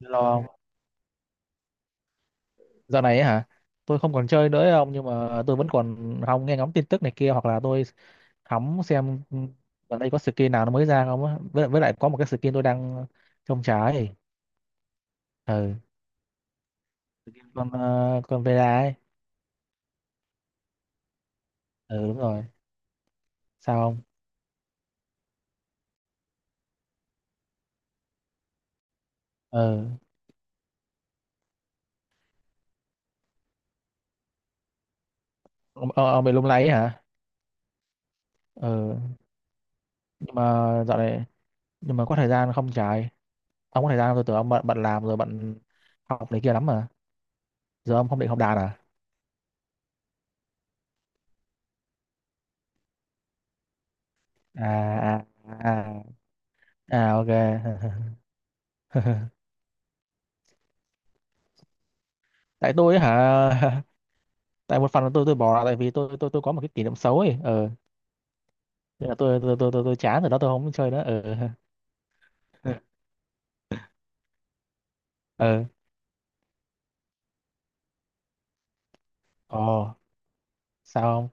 Lo không? Dạo này ấy hả? Tôi không còn chơi nữa ông, nhưng mà tôi vẫn còn hóng nghe ngóng tin tức này kia, hoặc là tôi hóng xem gần đây có skin nào nó mới ra không á. Với lại có một cái skin tôi đang trông trái. Ừ. Skin con con Vera ấy. Ừ đúng rồi. Sao không? Ừ. Ông bị lung lay ấy hả? Ừ. Nhưng mà dạo này, nhưng mà có thời gian không trái. Ông có thời gian không? Tôi tưởng ông bận bận làm rồi bận học này kia lắm mà. Giờ ông không định học đàn à? À à à, à ok. Tại tôi ấy hả. Tại một phần là tôi bỏ là tại vì tôi có một cái kỷ niệm xấu ấy. Ờ Nên là tôi chán rồi đó, tôi không chơi nữa ờ ờ. Ồ. Sao không?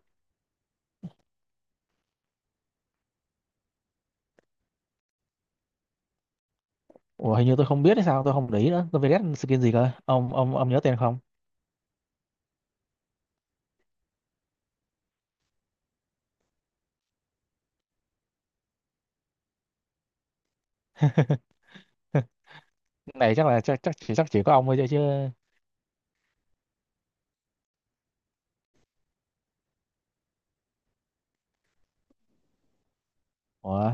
Ủa, hình như tôi không biết hay sao, tôi không để ý nữa. Tôi phải ghét skin gì cơ? Ông nhớ tên không? Này chắc là chắc chắc chỉ có ông thôi, chứ chứ Ủa.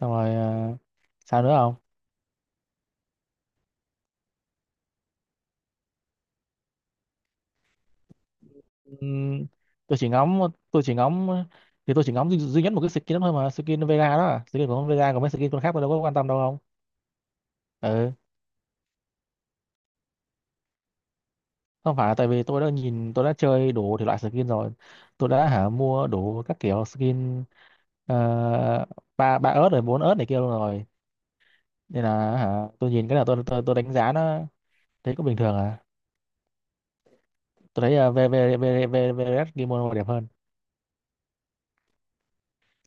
Xong rồi. Ờ, Sao nữa không? Ừm, tôi chỉ ngắm tôi chỉ ngắm thì tôi chỉ ngắm duy nhất một cái skin đó thôi, mà skin Vega đó à. Skin của ông Vega. Còn mấy skin con khác tôi đâu có quan tâm đâu. Không. Ừ. Không phải, là tại vì tôi đã chơi đủ thể loại skin rồi, tôi đã hả mua đủ các kiểu skin ờ, ba ba ớt rồi bốn ớt này kia luôn rồi. Nên là hả tôi nhìn cái nào tôi đánh giá nó thấy cũng bình thường à. Tôi thấy VVVVVS Kimono đẹp hơn.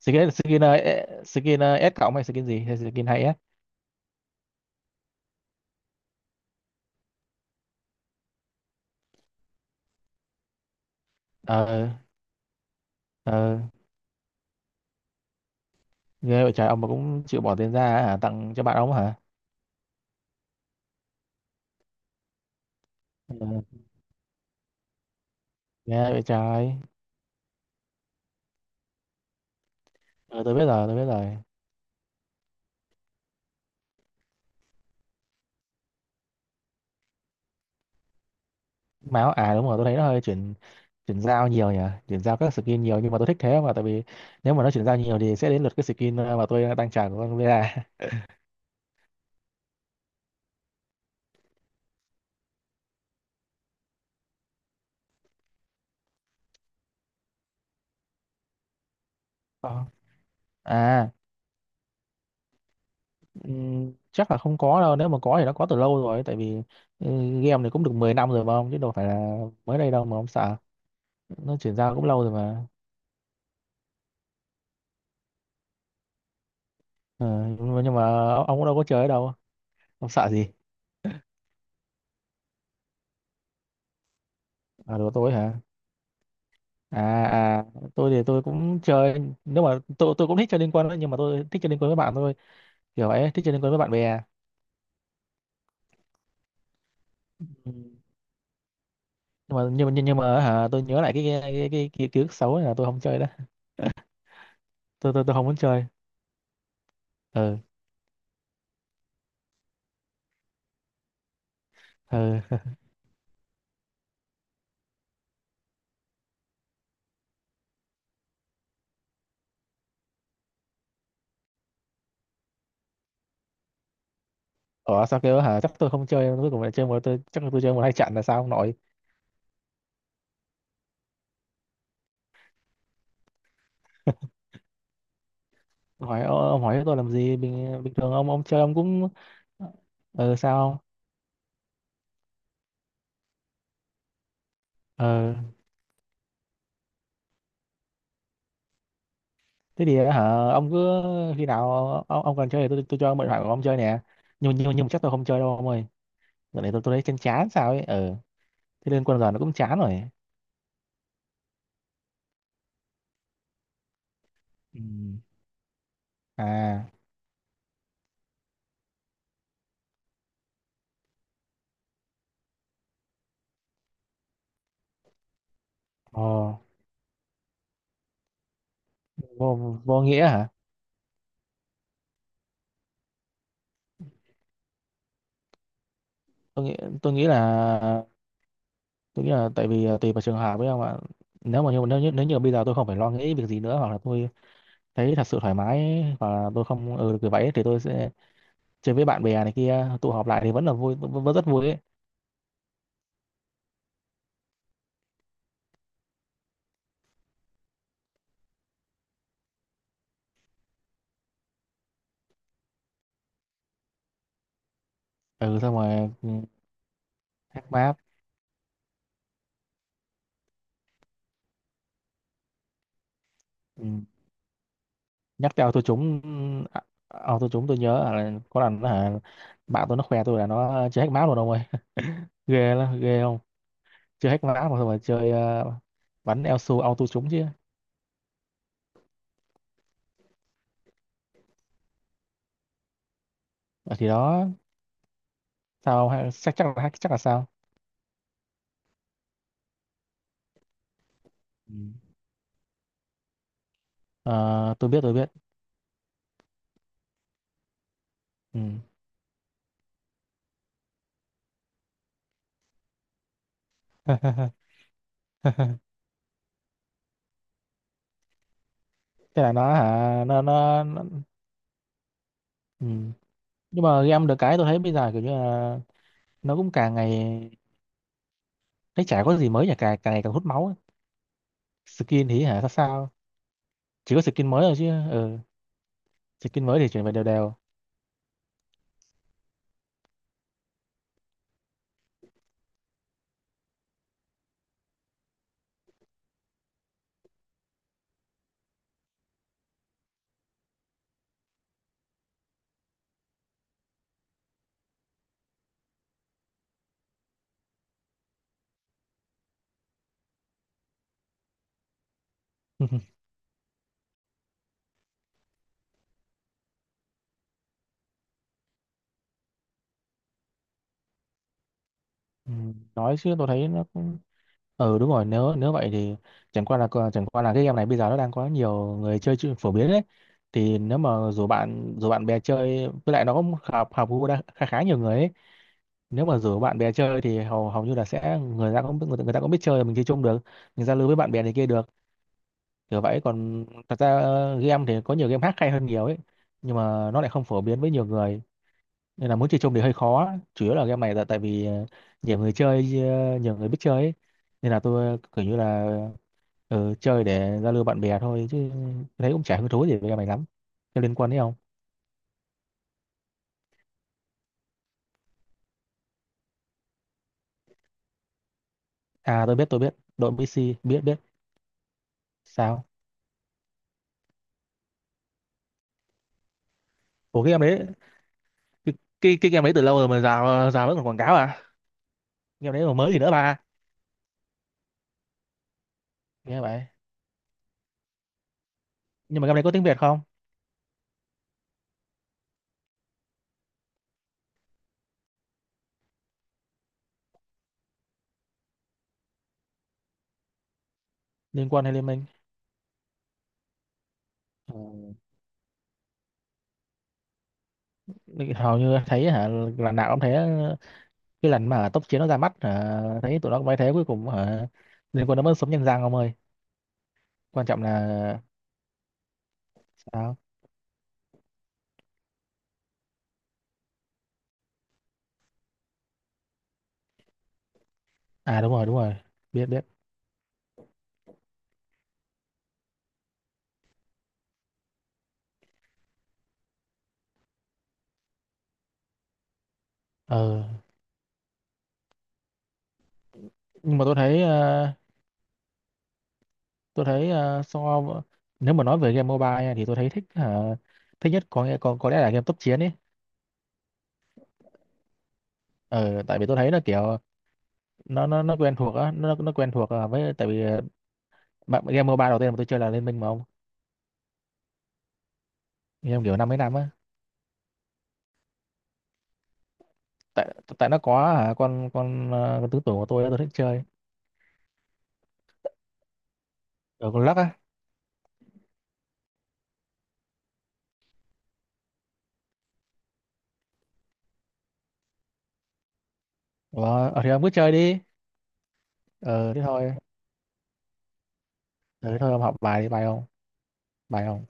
Skin skin ờ, ế- skin ờ, S cộng, hay skin gì, hay skin hay S. ờ ờ Nghe vậy trời! Ông mà cũng chịu bỏ tiền ra hả, tặng cho bạn ông hả? Ờ, nghe vậy trời. Ờ tôi biết rồi, tôi biết rồi. Máu à, đúng rồi, tôi thấy nó hơi chuyển chuyển giao nhiều nhỉ. Chuyển giao các skin nhiều, nhưng mà tôi thích thế. Mà tại vì nếu mà nó chuyển giao nhiều thì sẽ đến lượt cái skin mà tôi đang trả của con Vera. Ờ. À. Chắc là không có đâu. Nếu mà có thì nó có từ lâu rồi, tại vì ừ, game này cũng được 10 năm rồi mà ông, chứ đâu phải là mới đây đâu mà ông sợ. Nó chuyển giao cũng lâu rồi mà. Ờ, nhưng mà ông cũng đâu có chơi ở đâu, ông sợ gì. À, đồ tối hả? À à. Tôi thì tôi cũng chơi. Nếu mà tôi cũng thích chơi liên quân đấy, nhưng mà tôi thích chơi liên quân với bạn thôi, kiểu vậy. Thích chơi liên quân với bạn bè. Ừ. Nhưng mà, nhưng mà hả tôi nhớ lại cái ký ức xấu này là tôi không chơi đó. Tôi không muốn chơi. Ừ ừ. Ủa sao kêu hả? Chắc tôi không chơi, cuối cùng lại chơi một, tôi chắc là tôi chơi 1-2 trận là sao ông nội? Hỏi "Ô, ông hỏi tôi làm gì? Bình bình thường ông chơi ông cũng". Ừ. Sao không? Ừ, thế thì hả ông cứ, khi nào ông cần chơi thì tôi cho ông mượn thoại của ông chơi nè. Nhưng mà chắc tôi không chơi đâu ông ơi. Giờ này tôi thấy chán chán sao ấy. Ừ. Thế liên quân giờ nó cũng chán rồi. Ừ. À. Ờ, vô, vô nghĩa hả? Tôi nghĩ tôi nghĩ là tôi nghĩ là tại vì à, tùy vào trường hợp với không ạ. Nếu mà như nếu như, nếu như bây giờ tôi không phải lo nghĩ việc gì nữa, hoặc là tôi thấy thật sự thoải mái, hoặc là tôi không ừ được kiểu vậy ấy, thì tôi sẽ chơi với bạn bè này kia, tụ họp lại thì vẫn là vui, vẫn rất vui ấy. Ừ xong rồi. Ừ, hack map. Ừ, nhắc theo tôi trúng. À, à, tôi trúng. Tôi nhớ là có lần là bạn tôi nó khoe tôi là nó chơi hack map rồi đâu ơi, ghê lắm ghê không. Chơi hack map mà, xong rồi chơi bắn eo su auto trúng chứ. Ờ, thì đó. Sao hay- chắc chắc là sao. Ừ. Ờ, tôi biết tôi biết. Ừ. Thế là nó hả, nó... Ừ. Nhưng mà game được cái tôi thấy bây giờ kiểu như là nó cũng càng ngày, thấy chả có gì mới nhỉ, càng càng ngày càng hút máu ấy. Skin thì hả sao sao, chỉ có skin mới thôi chứ. Ừ. Skin mới thì chuyển về đều đều. Ừ. Nói chứ tôi thấy nó cũng, ừ đúng rồi. Nếu nếu vậy thì, chẳng qua là cái game này bây giờ nó đang có nhiều người chơi, chơi phổ biến đấy. Thì nếu mà rủ bạn bè chơi với lại nó cũng hợp hợp gu đa- khá khá nhiều người ấy. Nếu mà rủ bạn bè chơi thì hầu hầu như là sẽ người ta cũng người ta cũng biết chơi rồi, mình chơi chung được, mình giao lưu với bạn bè này kia được, kiểu vậy. Còn thật ra game thì có nhiều game khác hay hơn nhiều ấy, nhưng mà nó lại không phổ biến với nhiều người, nên là muốn chơi chung thì hơi khó. Chủ yếu là game này tại tại vì nhiều người chơi, nhiều người biết chơi ấy. Nên là tôi kiểu như là chơi để giao lưu bạn bè thôi, chứ thấy cũng chả hứng thú gì với game này lắm. Thế liên quan đấy không? À, tôi biết đội PC, biết biết. Sao? Ủa, cái game đấy, cái cái game đấy từ lâu rồi mà, rào rào vẫn còn quảng cáo à? Game đấy còn mới gì nữa ba. Nghe vậy. Nhưng mà game này có tiếng Việt không? Liên Quân hay Liên Minh? Ừ, hầu như thấy hả, là nào cũng thế. Cái lần mà tốc chiến nó ra mắt hả, thấy tụi nó cũng bay thế, cuối cùng hả, liên quân nó vẫn sống nhân răng ông ơi. Quan trọng là sao? À đúng rồi, đúng rồi. Biết biết ờ nhưng mà tôi thấy, nếu mà nói về game mobile nha, thì tôi thấy thích hả, thích nhất có nghĩa, có lẽ là game tốc chiến ấy. Ờ, tại vì tôi thấy là kiểu nó quen thuộc á, nó quen thuộc à, với tại vì game mobile đầu tiên mà tôi chơi là Liên Minh mà ông, game kiểu năm mấy năm á. Tại tại nó có hả, con tứ tưởng của tôi á, tôi thích chơi ở con lắc á. Ủa, thì ông cứ chơi đi. Ờ, thế thôi. Ờ, thế thôi ông học bài đi, bài không? Bài không?